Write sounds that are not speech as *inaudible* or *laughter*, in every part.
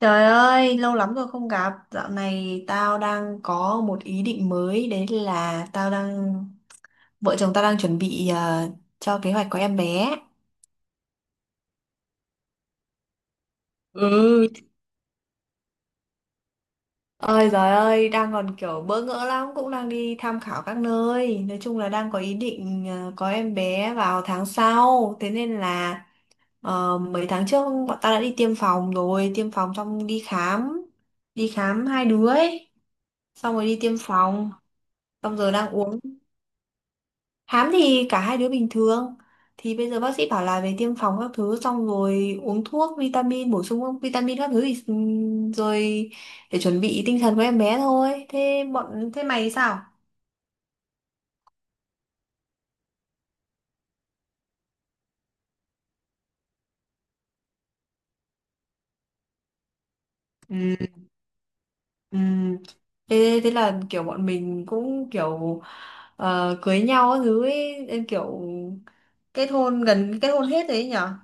Trời ơi, lâu lắm rồi không gặp. Dạo này tao đang có một ý định mới, đấy là tao đang vợ chồng tao đang chuẩn bị cho kế hoạch có em bé. Ừ. Ôi giời ơi, đang còn kiểu bỡ ngỡ lắm, cũng đang đi tham khảo các nơi. Nói chung là đang có ý định có em bé vào tháng sau. Thế nên là mấy tháng trước bọn tao đã đi tiêm phòng rồi, tiêm phòng xong đi khám hai đứa ấy. Xong rồi đi tiêm phòng, xong rồi đang uống. Hám thì cả hai đứa bình thường. Thì bây giờ bác sĩ bảo là về tiêm phòng các thứ xong rồi uống thuốc, vitamin, bổ sung vitamin các thứ thì rồi để chuẩn bị tinh thần của em bé thôi. Thế mày thì sao? Ừ. Ừ. Thế là kiểu bọn mình cũng kiểu cưới nhau các thứ ấy, em kiểu kết hôn gần kết hôn hết đấy nhở?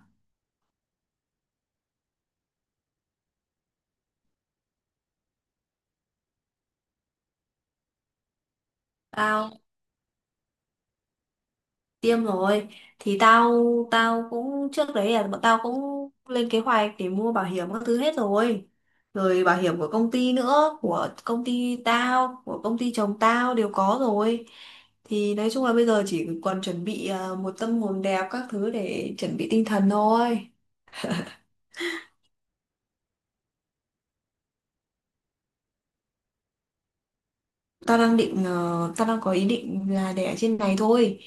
Tao tiêm rồi thì tao tao cũng trước đấy là bọn tao cũng lên kế hoạch để mua bảo hiểm các thứ hết rồi, rồi bảo hiểm của công ty nữa, của công ty tao, của công ty chồng tao đều có rồi, thì nói chung là bây giờ chỉ còn chuẩn bị một tâm hồn đẹp các thứ để chuẩn bị tinh thần thôi. Tao đang định tao đang có ý định là đẻ trên này thôi,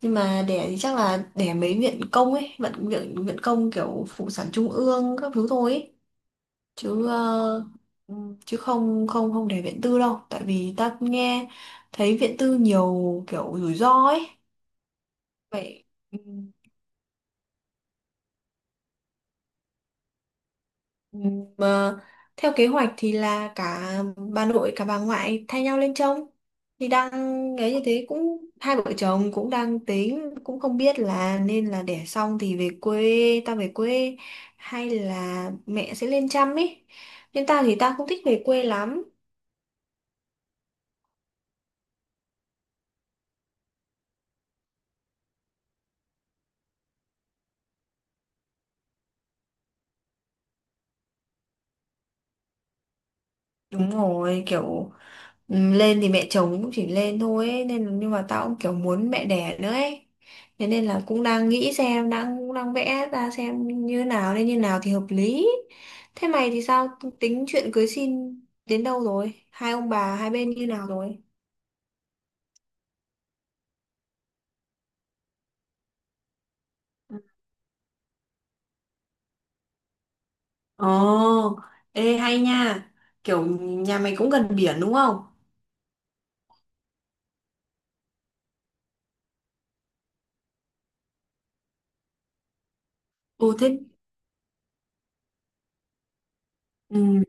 nhưng mà đẻ thì chắc là đẻ mấy viện công ấy, viện viện viện công kiểu phụ sản trung ương các thứ thôi ấy. Chứ ừ, chứ không không không để viện tư đâu, tại vì ta nghe thấy viện tư nhiều kiểu rủi ro ấy vậy. Ừ. Ừ, mà theo kế hoạch thì là cả bà nội cả bà ngoại thay nhau lên trông, thì đang ấy, như thế cũng, hai vợ chồng cũng đang tính, cũng không biết là nên là đẻ xong thì về quê, ta về quê hay là mẹ sẽ lên chăm ấy, nhưng ta thì ta không thích về quê lắm. Đúng rồi, kiểu lên thì mẹ chồng cũng chỉ lên thôi ấy, nên nhưng mà tao cũng kiểu muốn mẹ đẻ nữa ấy. Thế nên là cũng đang nghĩ xem, đang cũng đang vẽ ra xem như nào nên như nào thì hợp lý. Thế mày thì sao, tính chuyện cưới xin đến đâu rồi? Hai ông bà hai bên như nào rồi? Ồ, ê hay nha. Kiểu nhà mày cũng gần biển đúng không? Ừ thế. Ừ.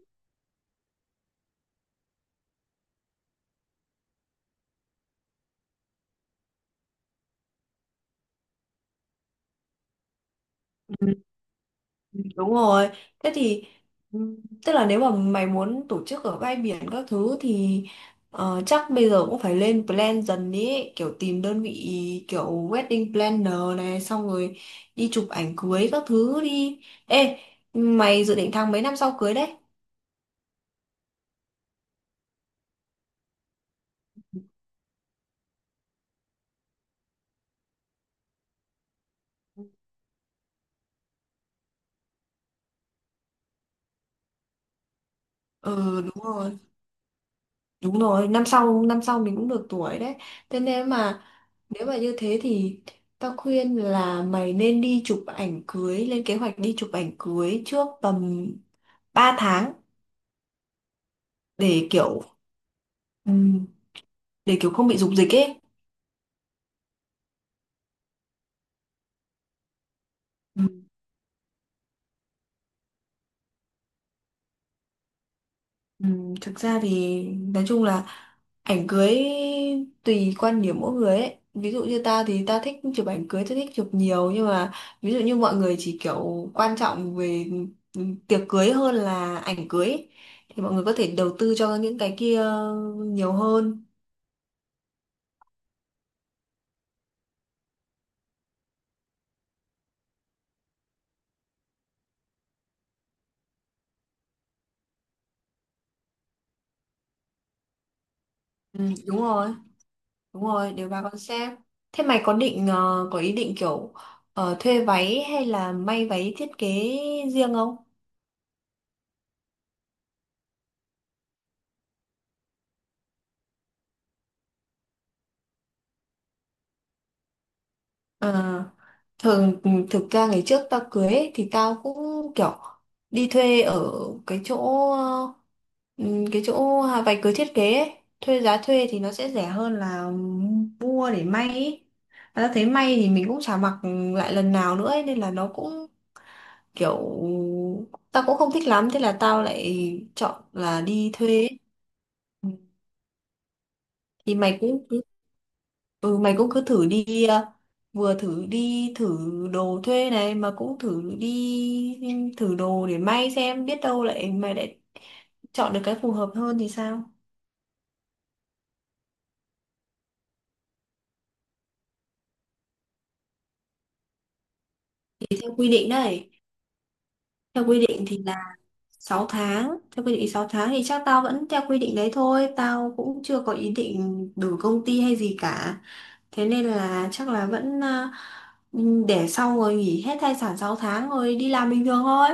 Đúng rồi. Thế thì ừm, tức là nếu mà mày muốn tổ chức ở bãi biển các thứ thì chắc bây giờ cũng phải lên plan dần ý, kiểu tìm đơn vị kiểu wedding planner này, xong rồi đi chụp ảnh cưới các thứ đi. Ê, mày dự định tháng mấy năm sau cưới đấy? Ừ đúng rồi, năm sau mình cũng được tuổi đấy. Thế nên mà nếu mà như thế thì tao khuyên là mày nên đi chụp ảnh cưới, lên kế hoạch đi chụp ảnh cưới trước tầm 3 tháng, để kiểu ừm, để kiểu không bị rục dịch ấy. Ừ. Thực ra thì nói chung là ảnh cưới tùy quan điểm mỗi người ấy, ví dụ như ta thì ta thích chụp ảnh cưới, ta thích chụp nhiều, nhưng mà ví dụ như mọi người chỉ kiểu quan trọng về tiệc cưới hơn là ảnh cưới ấy, thì mọi người có thể đầu tư cho những cái kia nhiều hơn. Ừ, đúng rồi. Đúng rồi, đều bà con xem. Thế mày có định có ý định kiểu thuê váy hay là may váy thiết kế riêng không? Ờ, thường thực ra ngày trước tao cưới ấy, thì tao cũng kiểu đi thuê ở cái chỗ ờ, cái chỗ váy cưới thiết kế ấy. Thuê, giá thuê thì nó sẽ rẻ hơn là mua để may ấy. Mà tao thấy may thì mình cũng chả mặc lại lần nào nữa ấy, nên là nó cũng kiểu tao cũng không thích lắm, thế là tao lại chọn là đi thuê ấy. Ừ. Thì mày cũng cứ, ừ, mày cũng cứ thử đi vừa thử đi thử đồ thuê này, mà cũng thử đi thử đồ để may, xem biết đâu lại mày lại chọn được cái phù hợp hơn thì sao. Thì theo quy định đấy. Theo quy định thì là 6 tháng, theo quy định 6 tháng thì chắc tao vẫn theo quy định đấy thôi, tao cũng chưa có ý định đổi công ty hay gì cả, thế nên là chắc là vẫn để xong rồi nghỉ hết thai sản 6 tháng rồi đi làm bình thường thôi.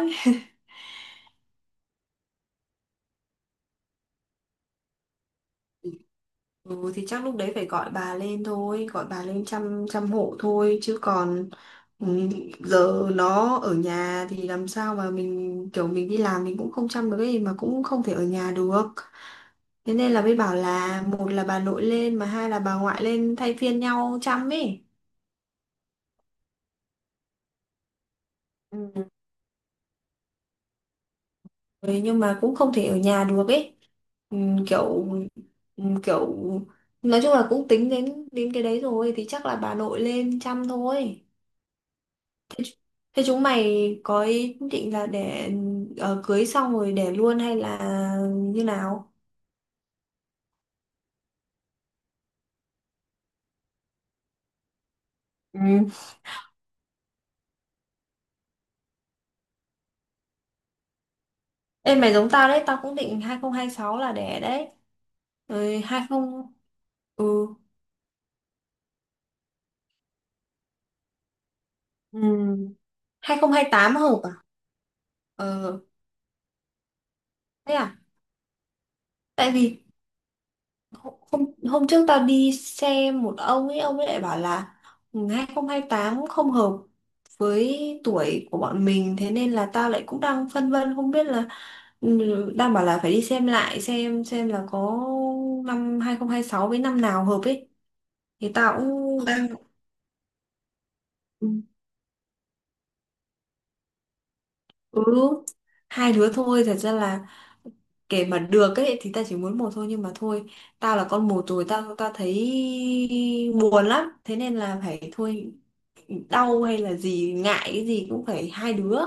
Ừ, thì chắc lúc đấy phải gọi bà lên thôi, gọi bà lên chăm chăm hộ thôi, chứ còn ừ, giờ nó ở nhà thì làm sao mà mình, kiểu mình đi làm mình cũng không chăm được ấy, mà cũng không thể ở nhà được. Thế nên là mới bảo là một là bà nội lên, mà hai là bà ngoại lên thay phiên nhau chăm ấy. Ừ. Ừ, nhưng mà cũng không thể ở nhà được ấy. Ừ, kiểu ừ, kiểu nói chung là cũng tính đến đến cái đấy rồi thì chắc là bà nội lên chăm thôi. Thế chúng mày có ý định là để cưới xong rồi để luôn hay là như nào? Ừ. Ê mày giống tao đấy, tao cũng định 2026 là đẻ đấy. Rồi 20, ừ. Ừ. 2028 hợp à? Ờ thế à? Tại vì Hôm, hôm trước tao đi xem một ông ấy lại bảo là 2028, không hai tám không hợp với tuổi của bọn mình, thế nên là tao lại cũng đang phân vân không biết là, ừ, đang bảo là phải đi xem lại, xem là có năm 2026 với năm nào hợp ấy. Thì tao cũng đang, ừ, hai đứa thôi. Thật ra là kể mà được ấy thì ta chỉ muốn một thôi, nhưng mà thôi, tao là con một rồi, tao tao thấy buồn lắm, thế nên là phải thôi, đau hay là gì ngại cái gì cũng phải hai đứa.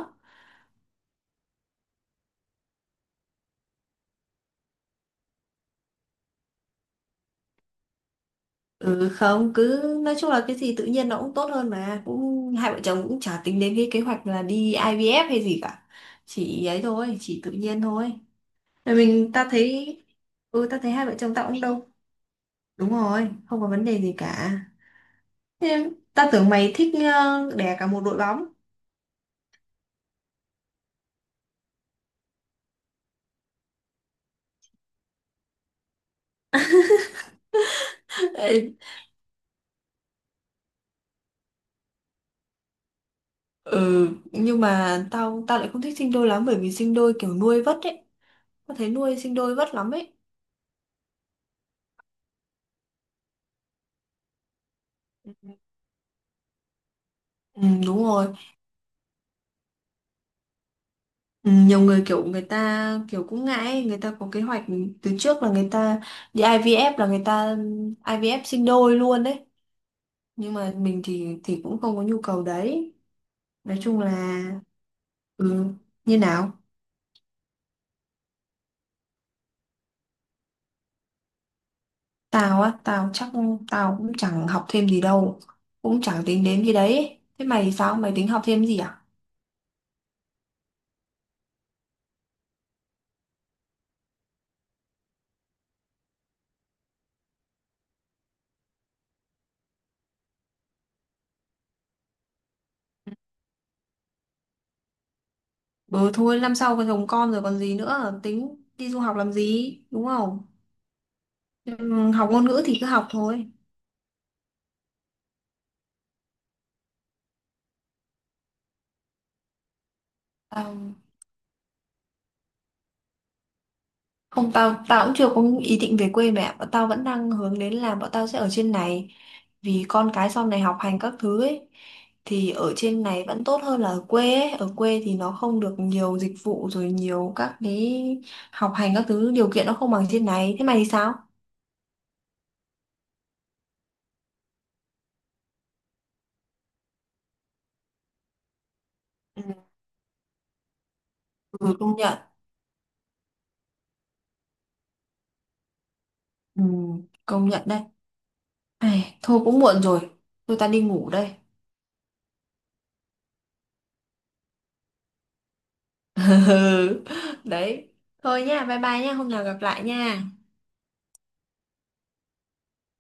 Ừ, không, cứ nói chung là cái gì tự nhiên nó cũng tốt hơn mà, cũng hai vợ chồng cũng chả tính đến cái kế hoạch là đi IVF hay gì cả, chỉ ấy thôi, chỉ tự nhiên thôi. Rồi mình ta thấy, ừ, ta thấy hai vợ chồng tao cũng đâu, đúng rồi, không có vấn đề gì cả. Thế ta tưởng mày thích đẻ cả một đội bóng. *laughs* Ừ, nhưng mà tao tao lại không thích sinh đôi lắm, bởi vì sinh đôi kiểu nuôi vất ấy. Tao thấy nuôi sinh đôi vất lắm ấy. Ừ, đúng rồi. Ừ, nhiều người kiểu người ta kiểu cũng ngại ấy. Người ta có kế hoạch từ trước là người ta đi IVF, là người ta IVF sinh đôi luôn đấy. Nhưng mà mình thì cũng không có nhu cầu đấy. Nói chung là, ừ, như nào? Tao á, tao chắc tao cũng chẳng học thêm gì đâu. Cũng chẳng tính đến cái đấy. Thế mày thì sao? Mày tính học thêm gì à? Ừ thôi, năm sau còn chồng con rồi còn gì nữa, tính đi du học làm gì đúng không. Học ngôn ngữ thì cứ học thôi. Tao- Không, tao tao cũng chưa có ý định về quê, mẹ bọn tao vẫn đang hướng đến là bọn tao sẽ ở trên này, vì con cái sau này học hành các thứ ấy, thì ở trên này vẫn tốt hơn là ở quê ấy. Ở quê thì nó không được nhiều dịch vụ rồi, nhiều các cái học hành các thứ điều kiện nó không bằng trên này. Thế mày thì sao? Ừ, ừ, công nhận. Ừ, công nhận đấy. Ai, thôi cũng muộn rồi, tôi ta đi ngủ đây. *laughs* Ừ, đấy, thôi nha, bye bye nha, hôm nào gặp lại nha.